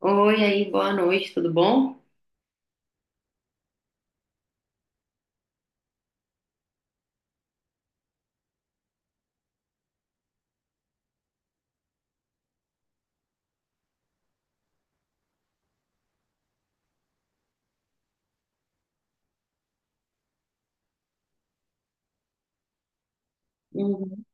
Oi, aí, boa noite, tudo bom? Uhum.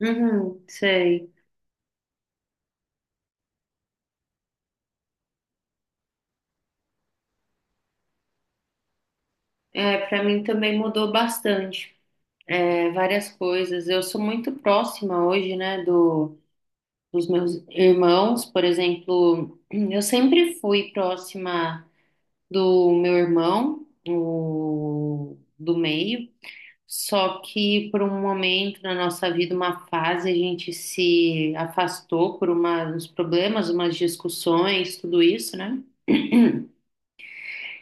Uhum, sei. É, para mim também mudou bastante, é, várias coisas. Eu sou muito próxima hoje, né, do, dos meus irmãos, por exemplo, eu sempre fui próxima do meu irmão, o, do meio, só que por um momento na nossa vida, uma fase, a gente se afastou por uma, uns problemas, umas discussões, tudo isso, né?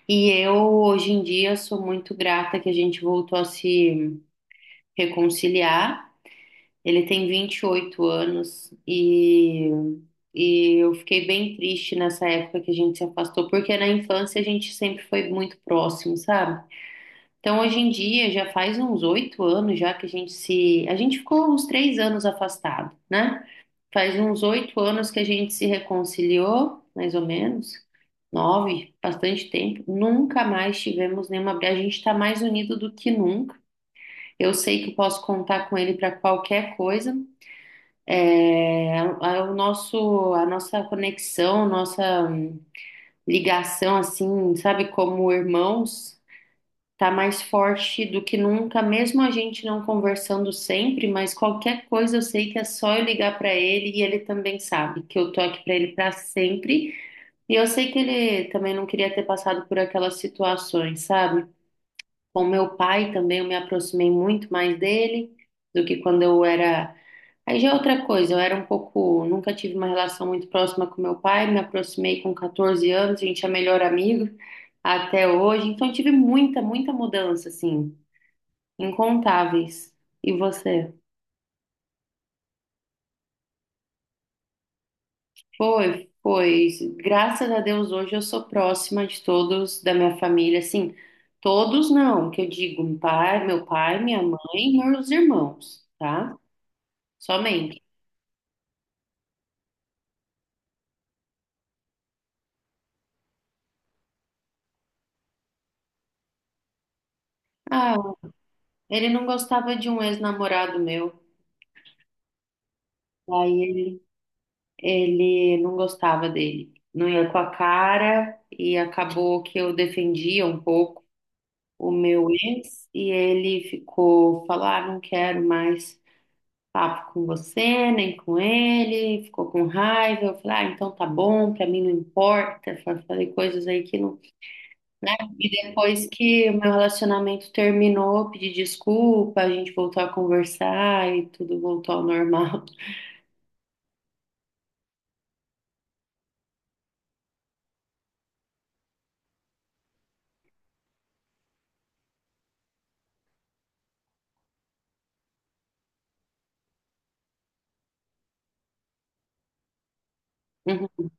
E eu, hoje em dia, sou muito grata que a gente voltou a se reconciliar. Ele tem 28 anos e eu fiquei bem triste nessa época que a gente se afastou, porque na infância a gente sempre foi muito próximo, sabe? Então, hoje em dia, já faz uns 8 anos já que a gente se. A gente ficou uns 3 anos afastado, né? Faz uns oito anos que a gente se reconciliou, mais ou menos. 9, bastante tempo. Nunca mais tivemos nenhuma briga. A gente está mais unido do que nunca. Eu sei que eu posso contar com ele para qualquer coisa. É, o nosso, a nossa conexão, nossa ligação, assim, sabe, como irmãos. Tá mais forte do que nunca, mesmo a gente não conversando sempre, mas qualquer coisa eu sei que é só eu ligar para ele e ele também sabe que eu tô aqui para ele para sempre. E eu sei que ele também não queria ter passado por aquelas situações, sabe? Com meu pai também eu me aproximei muito mais dele do que quando eu era. Aí já é outra coisa, eu era um pouco, nunca tive uma relação muito próxima com meu pai, me aproximei com 14 anos, a gente é melhor amigo até hoje, então eu tive muita, muita mudança assim. Incontáveis. E você? Foi, foi. Graças a Deus hoje eu sou próxima de todos da minha família, assim, todos não, que eu digo, meu pai, minha mãe, meus irmãos, tá? Somente. Ah, ele não gostava de um ex-namorado meu. Aí ele, ele não gostava dele. Não ia com a cara e acabou que eu defendia um pouco o meu ex e ele ficou, falar, ah, não quero mais. Papo com você, nem com ele, ficou com raiva. Eu falei, ah, então tá bom, pra mim não importa. Falei coisas aí que não, né? E depois que o meu relacionamento terminou, eu pedi desculpa, a gente voltou a conversar e tudo voltou ao normal.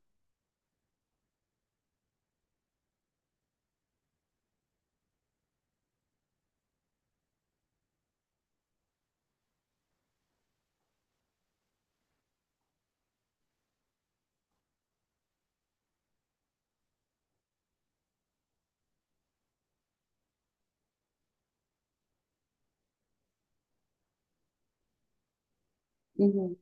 Uhum, uhum.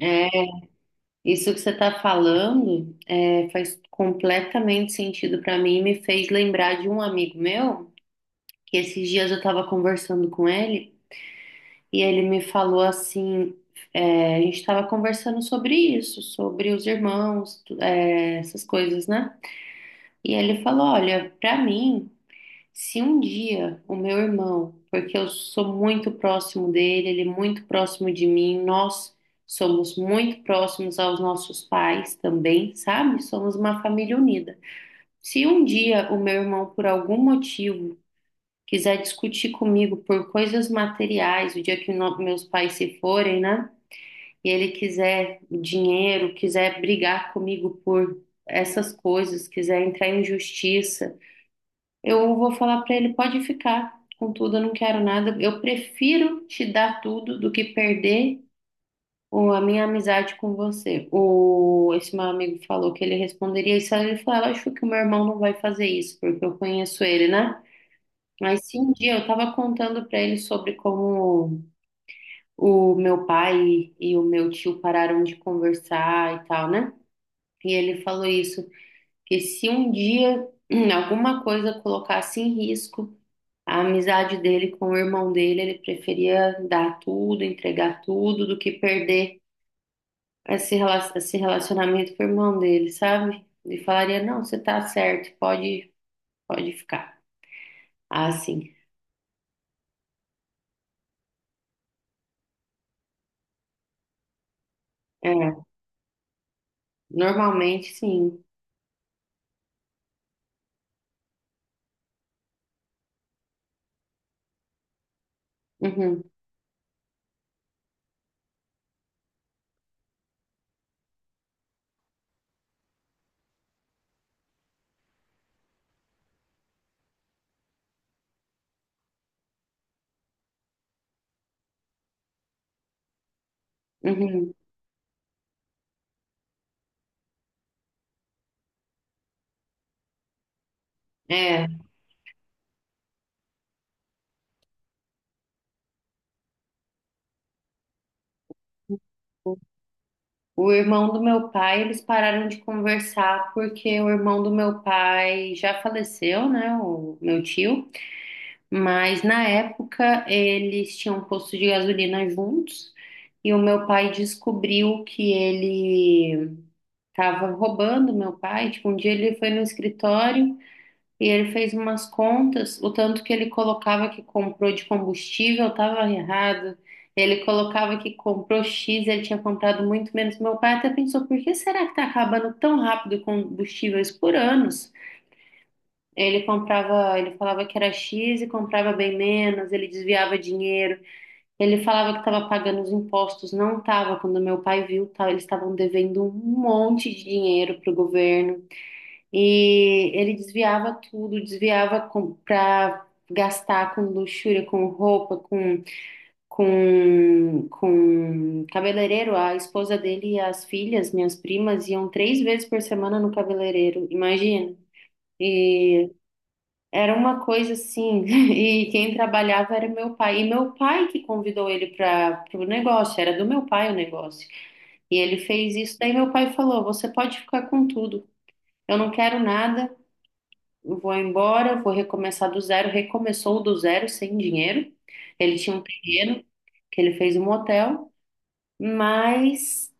É, é, isso que você tá falando é, faz completamente sentido pra mim e me fez lembrar de um amigo meu, que esses dias eu tava conversando com ele. E ele me falou assim, é, a gente estava conversando sobre isso, sobre os irmãos, é, essas coisas, né? E ele falou, olha, pra mim, se um dia o meu irmão, porque eu sou muito próximo dele, ele é muito próximo de mim, nós somos muito próximos aos nossos pais também, sabe? Somos uma família unida. Se um dia o meu irmão, por algum motivo, quiser discutir comigo por coisas materiais, o dia que meus pais se forem, né? E ele quiser dinheiro, quiser brigar comigo por essas coisas, quiser entrar em justiça, eu vou falar para ele: pode ficar com tudo, eu não quero nada. Eu prefiro te dar tudo do que perder a minha amizade com você. O, esse meu amigo falou que ele responderia isso. Aí ele falou: "Ah, acho que o meu irmão não vai fazer isso, porque eu conheço ele, né? Mas se um dia eu estava contando para ele sobre como o meu pai e o meu tio pararam de conversar e tal, né? E ele falou isso, que se um dia alguma coisa colocasse em risco a amizade dele com o irmão dele, ele preferia dar tudo, entregar tudo, do que perder esse relacionamento com o irmão dele, sabe? Ele falaria, não, você tá certo, pode ficar. Ah, sim. É, normalmente sim. Uhum, uhum. É. O irmão do meu pai, eles pararam de conversar porque o irmão do meu pai já faleceu, né? O meu tio. Mas na época eles tinham um posto de gasolina juntos e o meu pai descobriu que ele estava roubando meu pai. Tipo, um dia ele foi no escritório. E ele fez umas contas, o tanto que ele colocava que comprou de combustível estava errado. Ele colocava que comprou X, ele tinha comprado muito menos. Meu pai até pensou, por que será que está acabando tão rápido combustíveis por anos? Ele comprava, ele falava que era X e comprava bem menos, ele desviava dinheiro. Ele falava que estava pagando os impostos, não estava. Quando meu pai viu, tá, eles estavam devendo um monte de dinheiro para o governo. E ele desviava tudo, desviava para gastar com luxúria, com roupa, com cabeleireiro. A esposa dele e as filhas, minhas primas, iam 3 vezes por semana no cabeleireiro, imagina. E era uma coisa assim, e quem trabalhava era meu pai. E meu pai que convidou ele para o negócio, era do meu pai o negócio. E ele fez isso, daí meu pai falou: Você pode ficar com tudo, eu não quero nada. Vou embora, vou recomeçar do zero. Recomeçou do zero, sem dinheiro. Ele tinha um terreno que ele fez um hotel, mas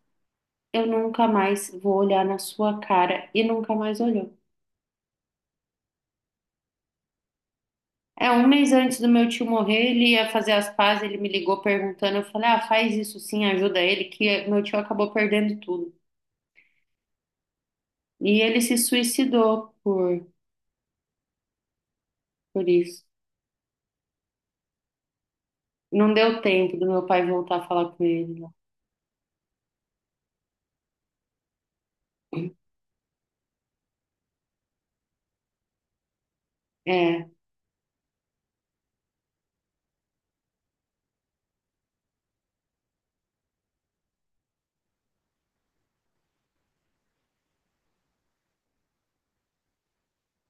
eu nunca mais vou olhar na sua cara e nunca mais olhou. É, um mês antes do meu tio morrer, ele ia fazer as pazes, ele me ligou perguntando, eu falei, ah, faz isso sim, ajuda ele, que meu tio acabou perdendo tudo. E ele se suicidou por isso. Não deu tempo do meu pai voltar a falar com ele. É,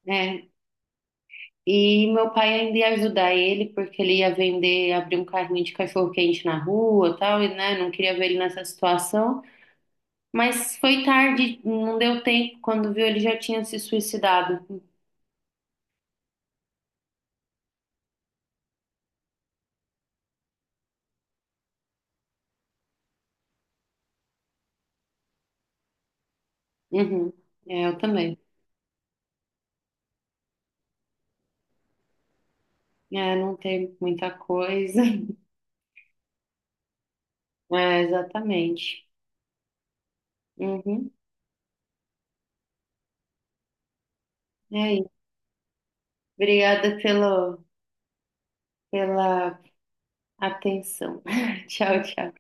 é, E meu pai ainda ia ajudar ele, porque ele ia vender, abrir um carrinho de cachorro-quente na rua, tal, e né, não queria ver ele nessa situação. Mas foi tarde, não deu tempo. Quando viu, ele já tinha se suicidado. Uhum. É, eu também. É, não tem muita coisa. É, exatamente. Uhum. É isso. Obrigada pelo, pela atenção. Tchau, tchau.